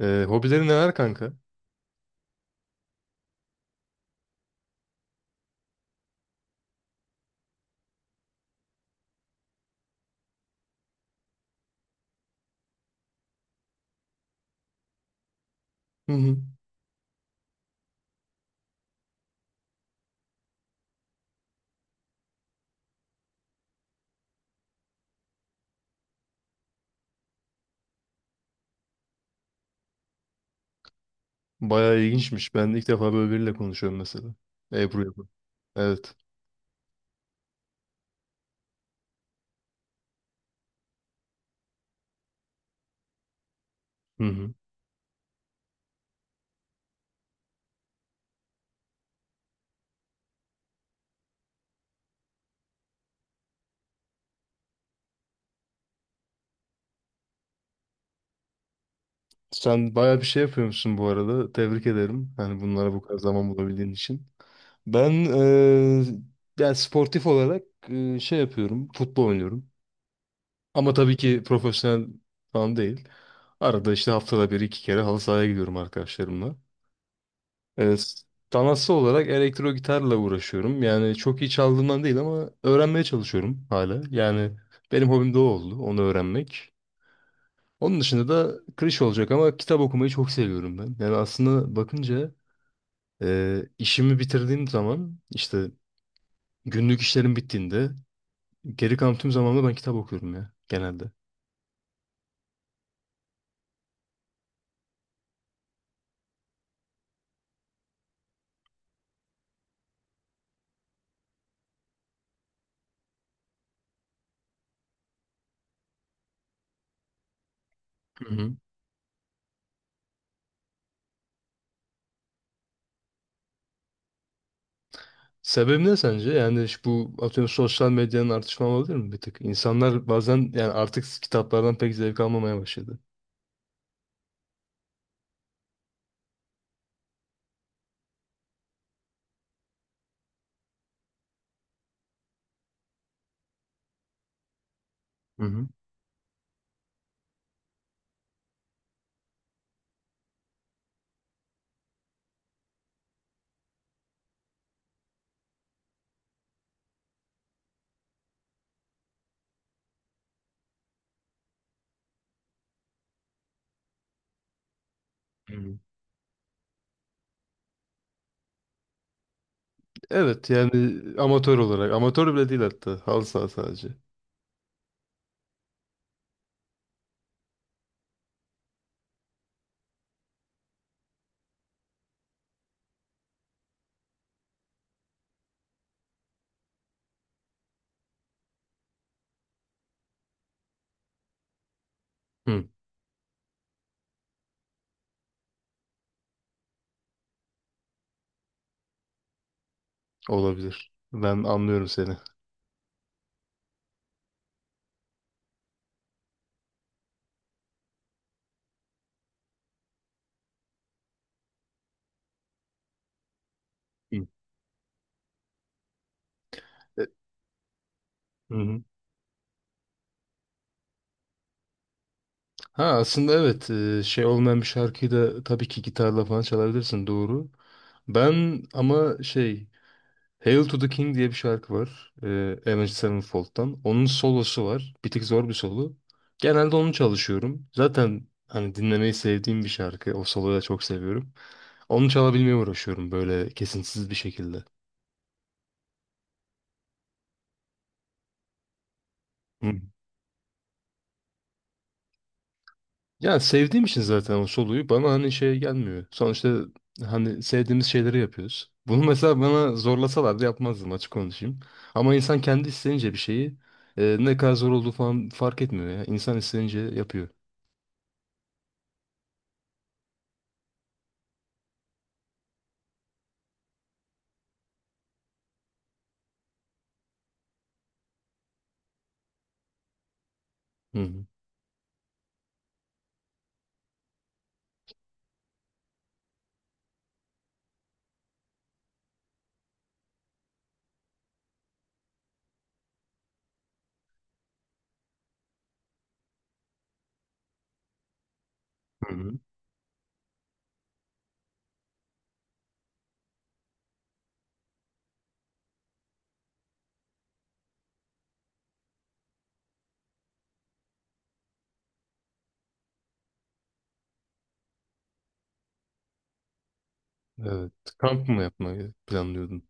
Hobilerin neler kanka? Hı hı. Bayağı ilginçmiş. Ben de ilk defa böyle biriyle konuşuyorum mesela. Ebru yapıyor. Evet. Hı hı. Sen bayağı bir şey yapıyormuşsun bu arada. Tebrik ederim. Hani bunlara bu kadar zaman bulabildiğin için. Ben yani sportif olarak şey yapıyorum. Futbol oynuyorum. Ama tabii ki profesyonel falan değil. Arada işte haftada bir iki kere halı sahaya gidiyorum arkadaşlarımla. E, Sanatsal olarak elektro gitarla uğraşıyorum. Yani çok iyi çaldığımdan değil ama öğrenmeye çalışıyorum hala. Yani benim hobim de o oldu, onu öğrenmek. Onun dışında da klişe olacak ama kitap okumayı çok seviyorum ben. Yani aslında bakınca işimi bitirdiğim zaman işte günlük işlerim bittiğinde geri kalan tüm zamanımda ben kitap okuyorum ya genelde. Hı hı. Sebebi ne sence? Yani şu bu atıyorum sosyal medyanın artışma olabilir mi bir tık? İnsanlar bazen yani artık kitaplardan pek zevk almamaya başladı. Hı. Evet yani amatör olarak. Amatör bile değil hatta. Halı saha sadece. Hı. Olabilir. Ben anlıyorum seni. Hı. E, Hı hı. Ha aslında evet şey olmayan bir şarkıyı da tabii ki gitarla falan çalabilirsin doğru. Ben ama şey Hail to the King diye bir şarkı var. Avenged Sevenfold'dan. Onun solosu var. Bir tık zor bir solo. Genelde onu çalışıyorum. Zaten hani dinlemeyi sevdiğim bir şarkı. O soloyu da çok seviyorum. Onu çalabilmeye uğraşıyorum böyle kesintisiz bir şekilde. Hı. Ya sevdiğim için zaten o soluyu bana hani şey gelmiyor. Sonuçta hani sevdiğimiz şeyleri yapıyoruz. Bunu mesela bana zorlasalardı yapmazdım açık konuşayım. Ama insan kendi isteyince bir şeyi ne kadar zor olduğu falan fark etmiyor ya. İnsan isteyince yapıyor. Hı hı. Hı hı. Evet. Kamp mı yapmayı planlıyordun?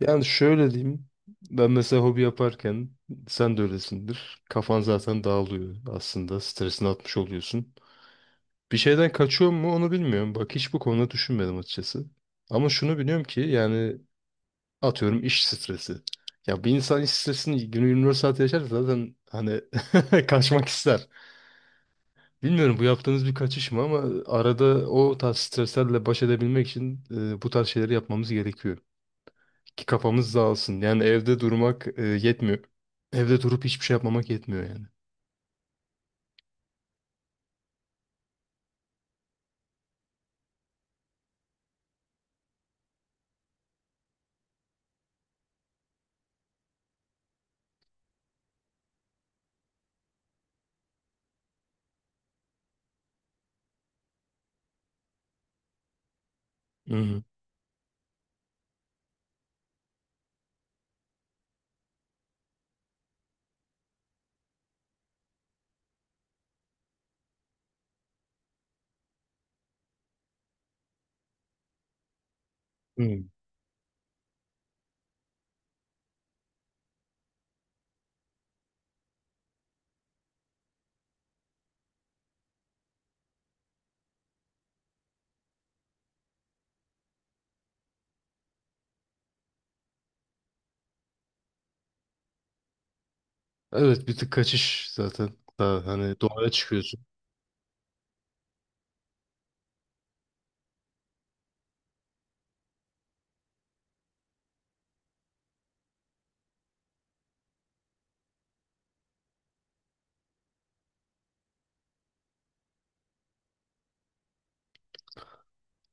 Yani şöyle diyeyim. Ben mesela hobi yaparken sen de öylesindir. Kafan zaten dağılıyor aslında. Stresini atmış oluyorsun. Bir şeyden kaçıyor mu onu bilmiyorum. Bak hiç bu konuda düşünmedim açıkçası. Ama şunu biliyorum ki yani atıyorum iş stresi. Ya bir insan iş stresini günü 24 saat yaşarsa zaten hani kaçmak ister. Bilmiyorum bu yaptığınız bir kaçış mı ama arada o tarz streslerle baş edebilmek için bu tarz şeyleri yapmamız gerekiyor. Ki kafamız dağılsın. Yani evde durmak yetmiyor. Evde durup hiçbir şey yapmamak yetmiyor yani. Hı hı. Hı. Evet bir tık kaçış zaten. Daha hani doğaya çıkıyorsun.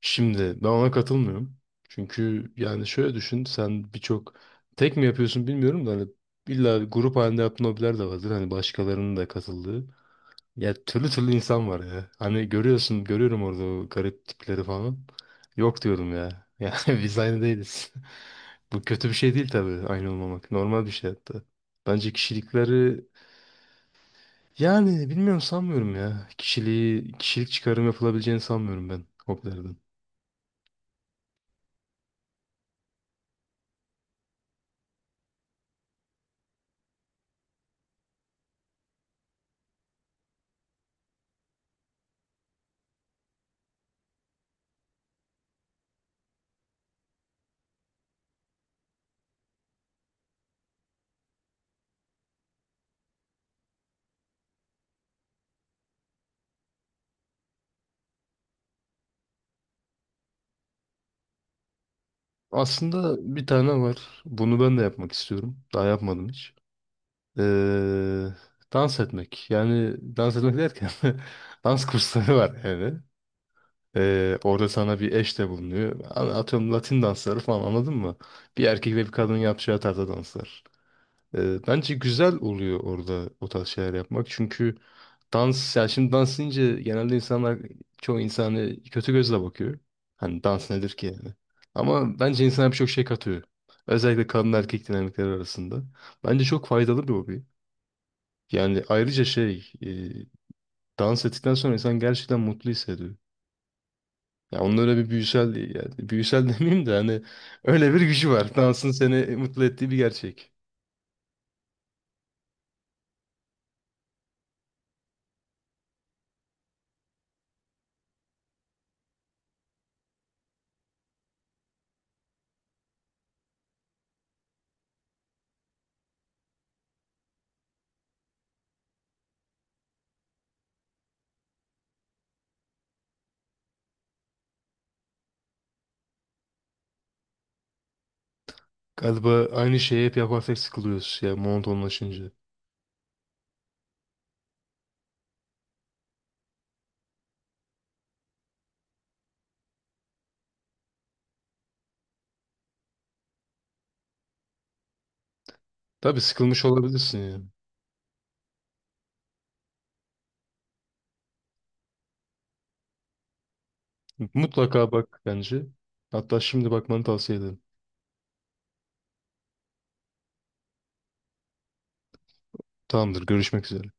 Şimdi ben ona katılmıyorum. Çünkü yani şöyle düşün sen birçok tek mi yapıyorsun bilmiyorum da hani illa grup halinde yaptığın hobiler de vardır. Hani başkalarının da katıldığı. Ya türlü türlü insan var ya. Hani görüyorum orada o garip tipleri falan. Yok diyorum ya. Yani biz aynı değiliz. Bu kötü bir şey değil tabii aynı olmamak. Normal bir şey hatta. Bence kişilikleri yani bilmiyorum sanmıyorum ya. Kişiliği, kişilik çıkarım yapılabileceğini sanmıyorum ben hobilerden. Aslında bir tane var. Bunu ben de yapmak istiyorum. Daha yapmadım hiç. Ee, Dans etmek. Yani dans etmek derken dans kursları var yani. Orada sana bir eş de bulunuyor. Hani atıyorum Latin dansları falan anladın mı? Bir erkek ve bir kadın yapacağı tarzda danslar. Bence güzel oluyor orada o tarz şeyler yapmak. Çünkü dans, yani şimdi dans deyince genelde insanlar, çoğu insanı kötü gözle bakıyor. Hani dans nedir ki yani. Ama bence insana birçok şey katıyor. Özellikle kadın erkek dinamikleri arasında. Bence çok faydalı bir hobi. Yani ayrıca dans ettikten sonra insan gerçekten mutlu hissediyor. Ya onun öyle bir büyüsel, yani büyüsel demeyeyim de hani öyle bir gücü var. Dansın seni mutlu ettiği bir gerçek. Galiba aynı şeyi hep yaparsak sıkılıyoruz ya monotonlaşınca. Tabii sıkılmış olabilirsin ya. Mutlaka bak bence. Hatta şimdi bakmanı tavsiye ederim. Tamamdır, görüşmek üzere.